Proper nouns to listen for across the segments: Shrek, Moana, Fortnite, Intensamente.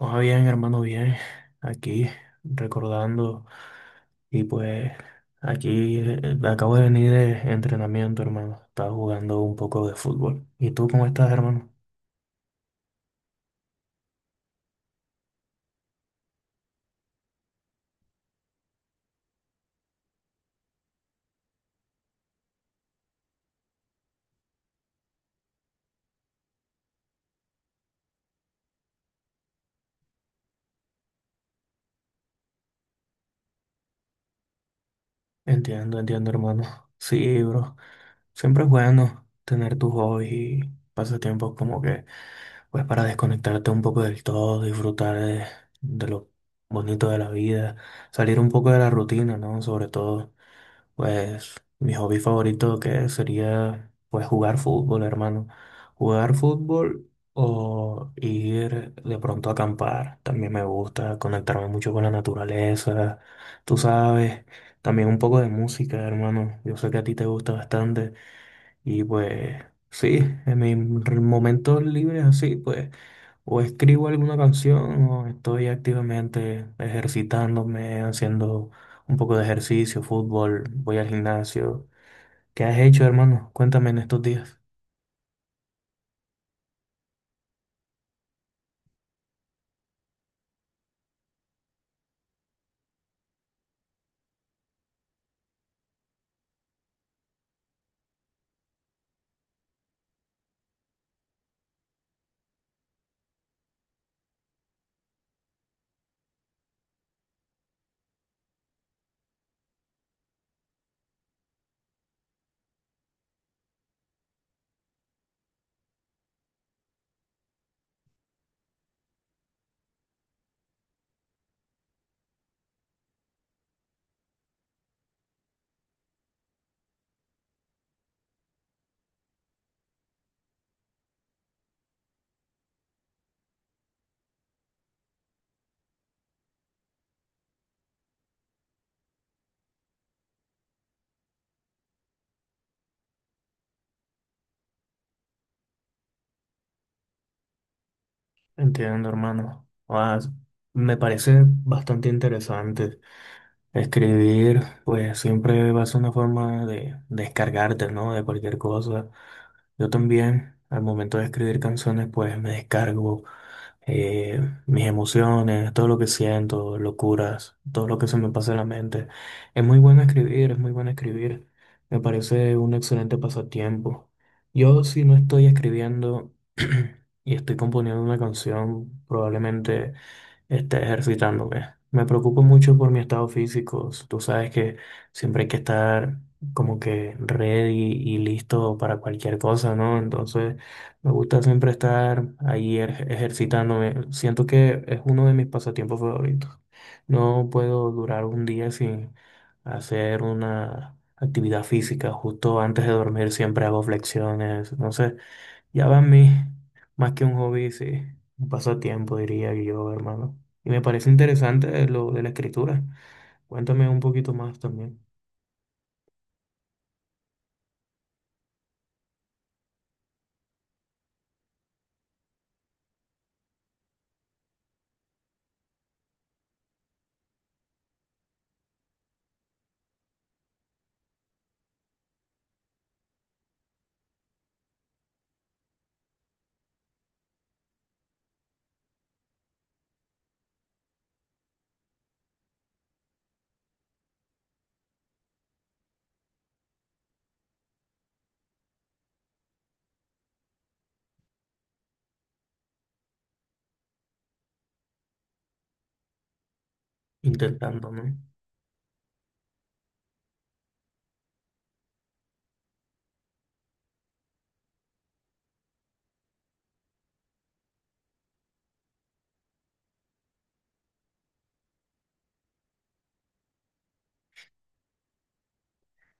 Ah, bien, hermano, bien. Aquí recordando y pues aquí acabo de venir de entrenamiento, hermano. Estaba jugando un poco de fútbol. ¿Y tú cómo estás, hermano? Entiendo, entiendo, hermano. Sí, bro. Siempre es bueno tener tus hobbies y pasatiempos como que pues para desconectarte un poco del todo, disfrutar de lo bonito de la vida, salir un poco de la rutina, ¿no? Sobre todo. Pues mi hobby favorito que sería pues jugar fútbol, hermano. Jugar fútbol o ir de pronto a acampar. También me gusta conectarme mucho con la naturaleza. Tú sabes, también un poco de música, hermano. Yo sé que a ti te gusta bastante. Y pues sí, en mis momentos libres así, pues o escribo alguna canción o estoy activamente ejercitándome, haciendo un poco de ejercicio, fútbol, voy al gimnasio. ¿Qué has hecho, hermano? Cuéntame en estos días. Entiendo, hermano. Ah, me parece bastante interesante. Escribir, pues siempre va a ser una forma de descargarte, ¿no? De cualquier cosa. Yo también, al momento de escribir canciones, pues me descargo eh, mis emociones, todo lo que siento, locuras, todo lo que se me pasa en la mente. Es muy bueno escribir, es muy bueno escribir. Me parece un excelente pasatiempo. Yo, si no estoy escribiendo y estoy componiendo una canción, probablemente esté ejercitando, ¿ves? Me preocupo mucho por mi estado físico. Tú sabes que siempre hay que estar como que ready y listo para cualquier cosa, ¿no? Entonces, me gusta siempre estar ahí ejercitándome. Siento que es uno de mis pasatiempos favoritos. No puedo durar un día sin hacer una actividad física. Justo antes de dormir siempre hago flexiones, no sé. Ya va a mí, más que un hobby, sí, un pasatiempo, diría yo, hermano. Y me parece interesante lo de la escritura. Cuéntame un poquito más también, intentándome.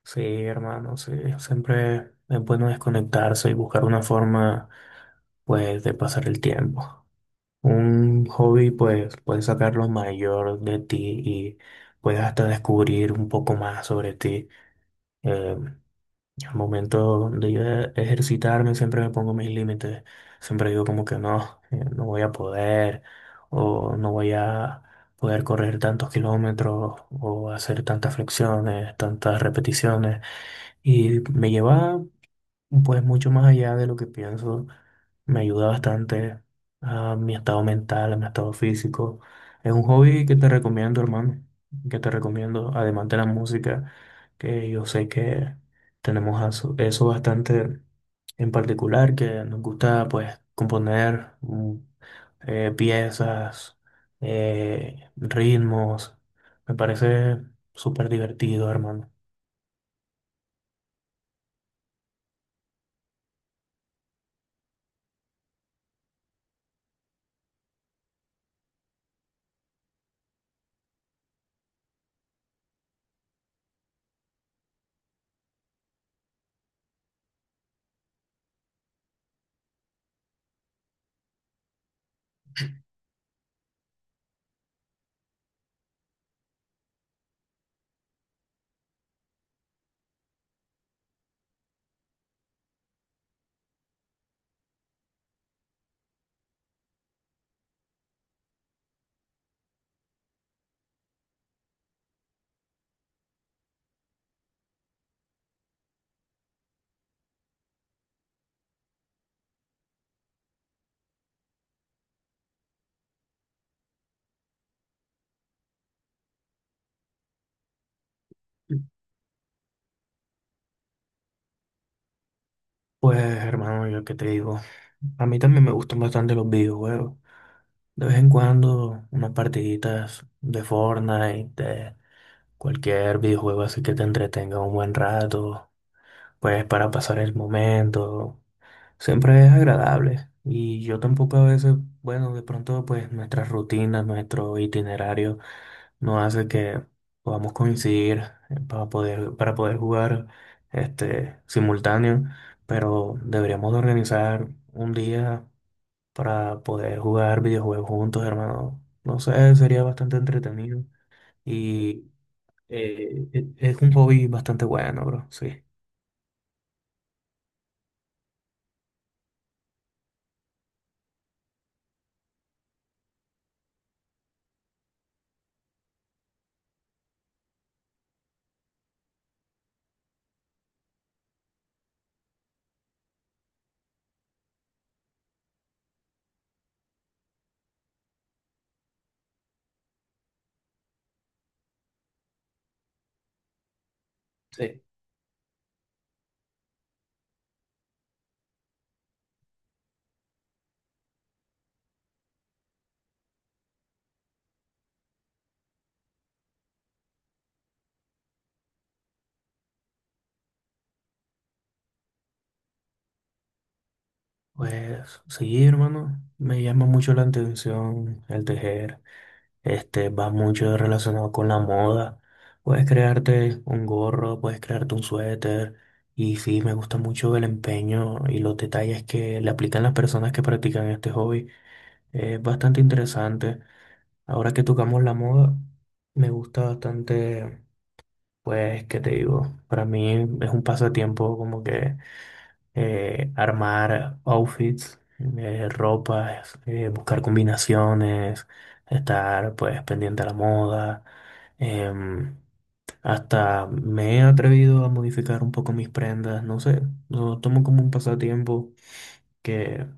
Sí, hermano, sí, siempre es bueno desconectarse y buscar una forma, pues, de pasar el tiempo. Un hobby, pues, puedes sacar lo mayor de ti y puedes hasta descubrir un poco más sobre ti. eh, Al momento de yo ejercitarme, siempre me pongo mis límites. Siempre digo como que no, no voy a poder, o no voy a poder correr tantos kilómetros, o hacer tantas flexiones, tantas repeticiones. Y me lleva pues mucho más allá de lo que pienso, me ayuda bastante a mi estado mental, a mi estado físico. Es un hobby que te recomiendo, hermano, que te recomiendo, además de la música, que yo sé que tenemos eso bastante en particular, que nos gusta pues componer piezas, ritmos. Me parece súper divertido, hermano. Pues, hermano, yo qué te digo. A mí también me gustan bastante los videojuegos. De vez en cuando, unas partiditas de Fortnite, de cualquier videojuego así que te entretenga un buen rato, pues para pasar el momento. Siempre es agradable. Y yo tampoco a veces, bueno, de pronto pues nuestras rutinas, nuestro itinerario nos hace que podamos coincidir para poder jugar este simultáneo, pero deberíamos de organizar un día para poder jugar videojuegos juntos, hermano. No sé, sería bastante entretenido y es un hobby bastante bueno, bro, sí. Sí. Pues sí, hermano, me llama mucho la atención el tejer. Este va mucho relacionado con la moda. Puedes crearte un gorro, puedes crearte un suéter. Y sí, me gusta mucho el empeño y los detalles que le aplican las personas que practican este hobby. Es bastante interesante. Ahora que tocamos la moda, me gusta bastante, pues, ¿qué te digo? Para mí es un pasatiempo como que armar outfits, ropas, buscar combinaciones, estar pues pendiente a la moda. em, Hasta me he atrevido a modificar un poco mis prendas, no sé, lo tomo como un pasatiempo que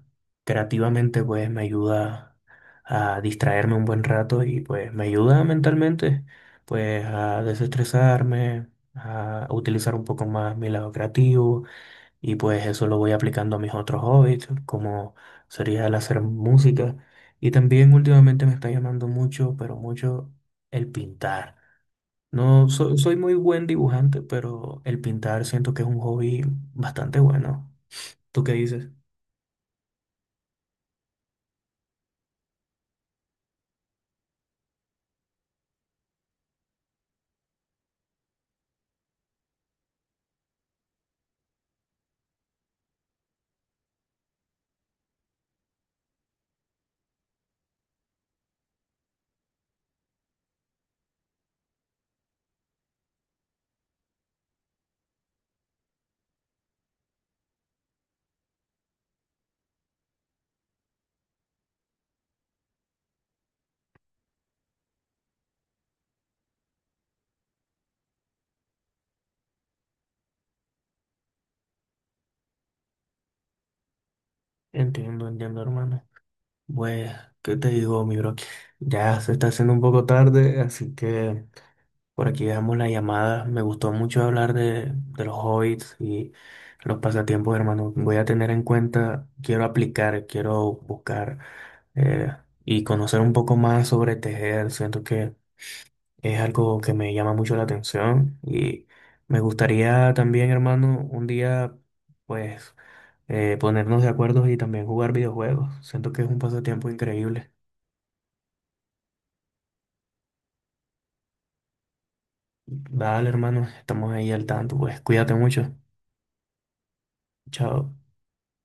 creativamente pues me ayuda a distraerme un buen rato y pues me ayuda mentalmente pues a desestresarme, a utilizar un poco más mi lado creativo y pues eso lo voy aplicando a mis otros hobbies como sería el hacer música y también últimamente me está llamando mucho, pero mucho el pintar. No, soy muy buen dibujante, pero el pintar siento que es un hobby bastante bueno. ¿Tú qué dices? Entiendo, entiendo, hermano. Bueno, ¿qué te digo, mi bro? Ya se está haciendo un poco tarde, así que por aquí dejamos la llamada. Me gustó mucho hablar de los hobbits y los pasatiempos, hermano. Voy a tener en cuenta, quiero aplicar, quiero buscar eh, y conocer un poco más sobre tejer. Siento que es algo que me llama mucho la atención y me gustaría también, hermano, un día, pues, ponernos de acuerdo y también jugar videojuegos. Siento que es un pasatiempo increíble. Dale, hermano, estamos ahí al tanto, pues cuídate mucho. Chao.